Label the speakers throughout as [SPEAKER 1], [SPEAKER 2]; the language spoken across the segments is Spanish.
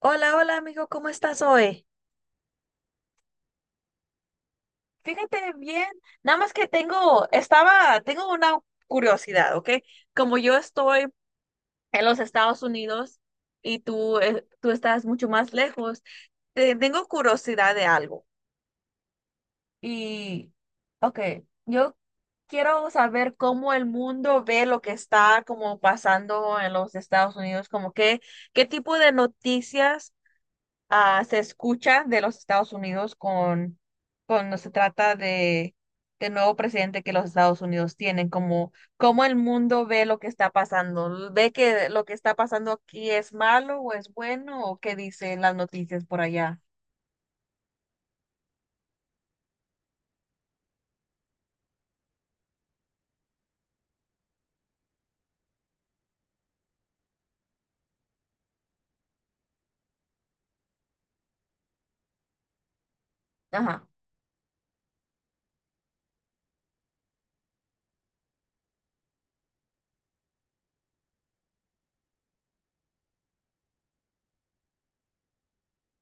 [SPEAKER 1] Hola, hola amigo, ¿cómo estás hoy? Fíjate bien, nada más que tengo, estaba, tengo una curiosidad, ¿ok? Como yo estoy en los Estados Unidos y tú, tú estás mucho más lejos, tengo curiosidad de algo. Y, ok, yo quiero saber cómo el mundo ve lo que está como pasando en los Estados Unidos, qué tipo de noticias se escucha de los Estados Unidos con cuando se trata de nuevo presidente que los Estados Unidos tienen, como cómo el mundo ve lo que está pasando, ve que lo que está pasando aquí es malo o es bueno o qué dicen las noticias por allá. Ajá,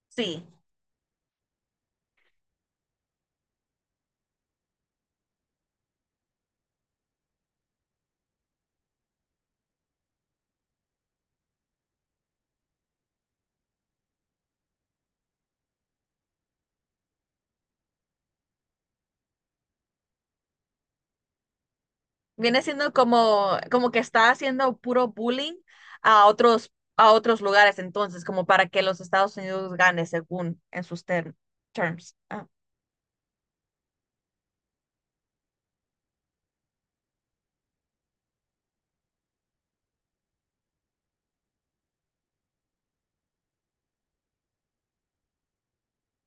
[SPEAKER 1] sí. Viene siendo como, como que está haciendo puro bullying a otros, a otros lugares entonces, como para que los Estados Unidos gane según en sus terms. Ah,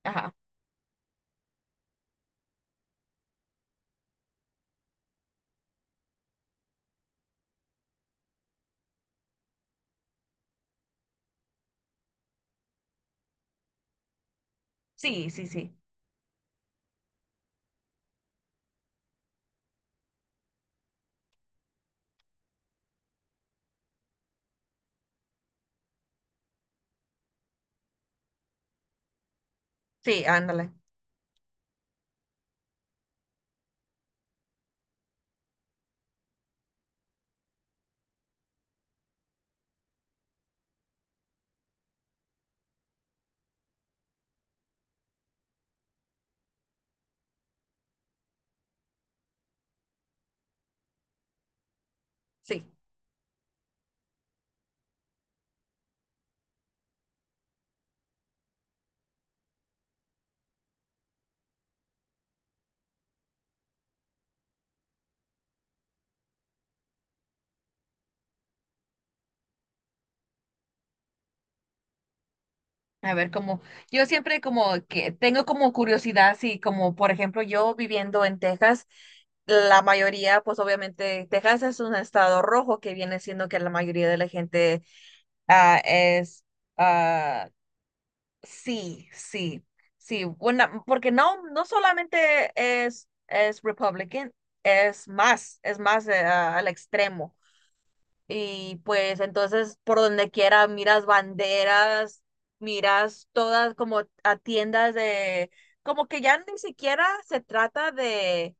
[SPEAKER 1] ajá, sí, sí, sí. Sí, ándale. Sí, a ver, como yo siempre como que tengo como curiosidad, si como por ejemplo yo viviendo en Texas, la mayoría, pues obviamente Texas es un estado rojo que viene siendo que la mayoría de la gente ah, es, ah, sí, sí, sí, porque no solamente es Republican, es más al extremo. Y pues entonces por donde quiera miras banderas, miras todas como a tiendas de, como que ya ni siquiera se trata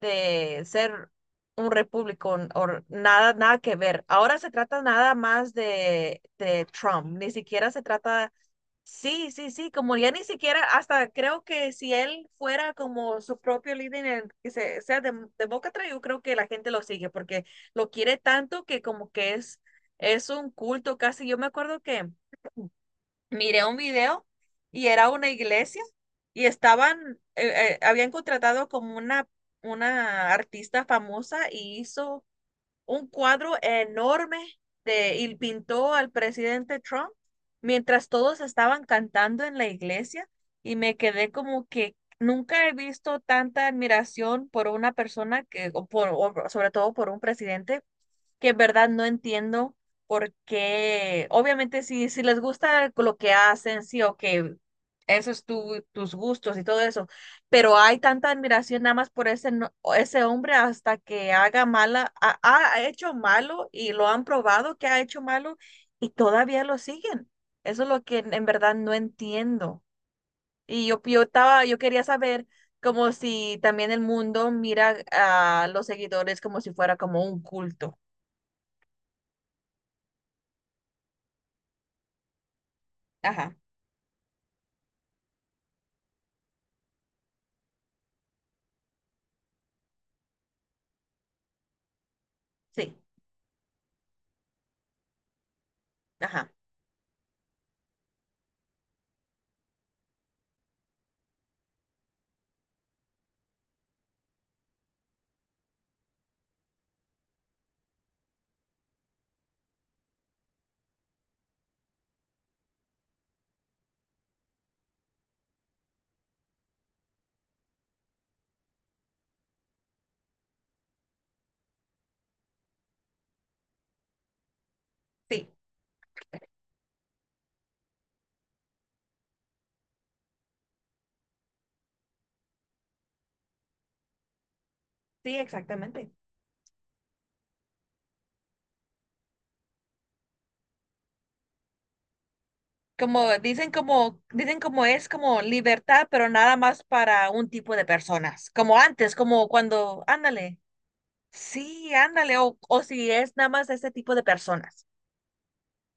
[SPEAKER 1] de ser un repúblico o nada, nada que ver. Ahora se trata nada más de Trump, ni siquiera se trata. Sí, sí, sí, como ya ni siquiera, hasta creo que si él fuera como su propio líder, en el que se, sea de boca atrás, yo creo que la gente lo sigue porque lo quiere tanto que como que es un culto casi. Yo me acuerdo que miré un video y era una iglesia y estaban, habían contratado como una artista famosa y hizo un cuadro enorme de, y pintó al presidente Trump mientras todos estaban cantando en la iglesia y me quedé como que nunca he visto tanta admiración por una persona que, o por, o sobre todo por un presidente que en verdad no entiendo por qué, obviamente si, si les gusta lo que hacen, sí, o que tus gustos y todo eso, pero hay tanta admiración nada más por ese, ese hombre hasta que haga mala, ha hecho malo y lo han probado que ha hecho malo y todavía lo siguen. Eso es lo que en verdad no entiendo. Y yo estaba, yo quería saber como si también el mundo mira a los seguidores como si fuera como un culto. Ajá. Sí, ajá, sí, sí, exactamente. Como dicen como, dicen como es como libertad, pero nada más para un tipo de personas, como antes, como cuando, ándale, sí, ándale, o si es nada más ese tipo de personas.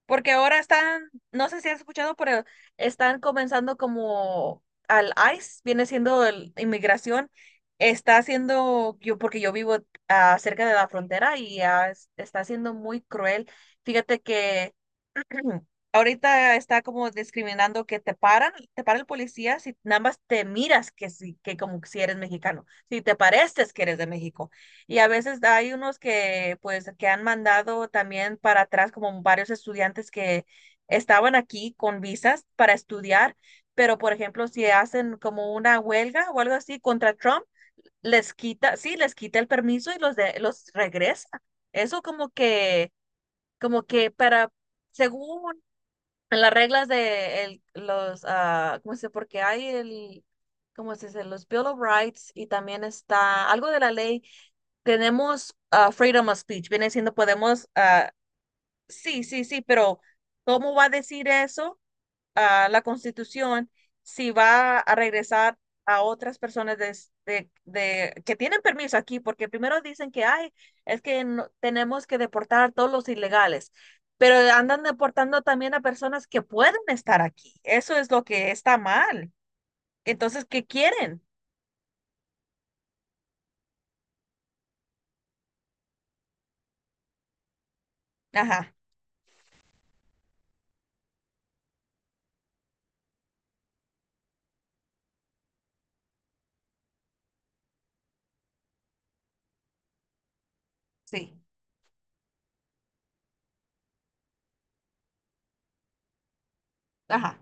[SPEAKER 1] Porque ahora están, no sé si has escuchado, pero están comenzando como al ICE, viene siendo inmigración, está haciendo, yo, porque yo vivo cerca de la frontera y está siendo muy cruel. Fíjate que ahorita está como discriminando que te paran, te para el policía si nada más te miras que sí, que como si eres mexicano, si te pareces que eres de México. Y a veces hay unos que pues que han mandado también para atrás como varios estudiantes que estaban aquí con visas para estudiar, pero por ejemplo si hacen como una huelga o algo así contra Trump, les quita, sí, les quita el permiso y los regresa. Eso como que para según en las reglas de los, ¿cómo se dice? Porque hay el, ¿cómo se dice? Los Bill of Rights y también está algo de la ley. Tenemos freedom of speech. Viene siendo, podemos, ah, sí, sí, sí, pero ¿cómo va a decir eso? Ah, la Constitución si va a regresar a otras personas de que tienen permiso aquí, porque primero dicen que ay es que tenemos que deportar a todos los ilegales, pero andan deportando también a personas que pueden estar aquí. Eso es lo que está mal. Entonces, ¿qué quieren? Ajá, sí, ajá,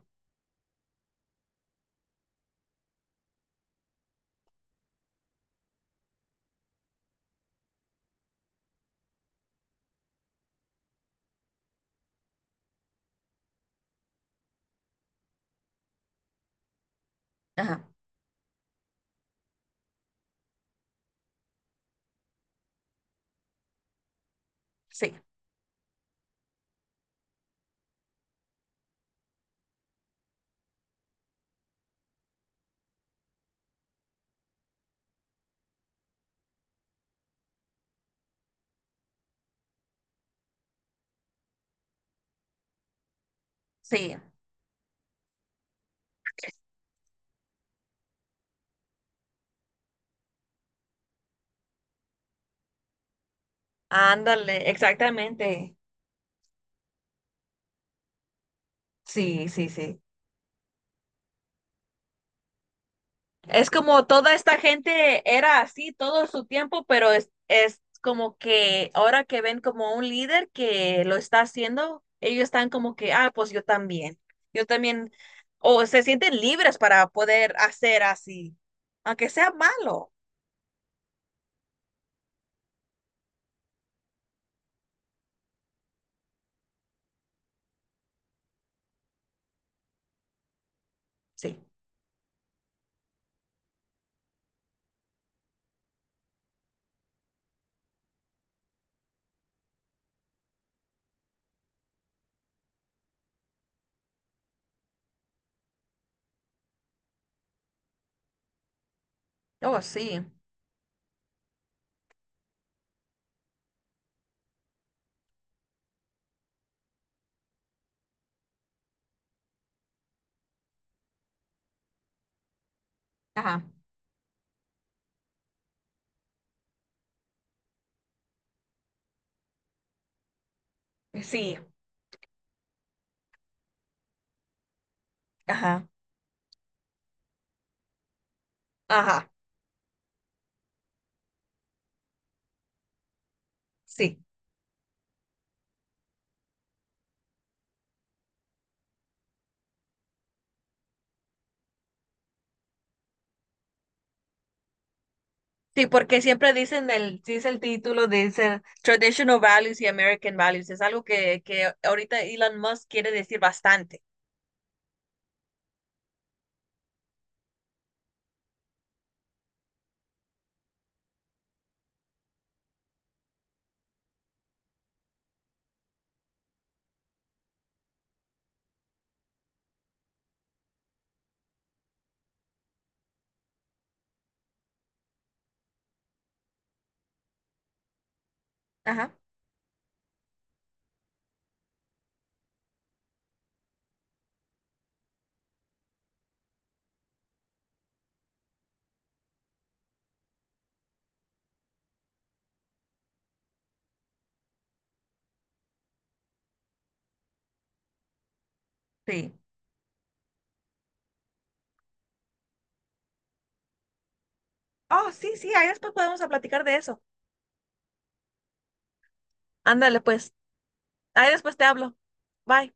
[SPEAKER 1] ajá, sí, sí. Ándale, exactamente. Sí, sí, sí. Es como toda esta gente era así todo su tiempo, pero es como que ahora que ven como un líder que lo está haciendo, ellos están como que, ah, pues yo también, o se sienten libres para poder hacer así, aunque sea malo. Sí, oh, sí, ajá, sí, ajá, ajá, sí. Sí, porque siempre dicen el, dice el título, dice Traditional Values y American Values. Es algo que ahorita Elon Musk quiere decir bastante. Ajá, sí. Oh, sí, sí, ahí después podemos a platicar de eso. Ándale, pues. Ahí después te hablo. Bye.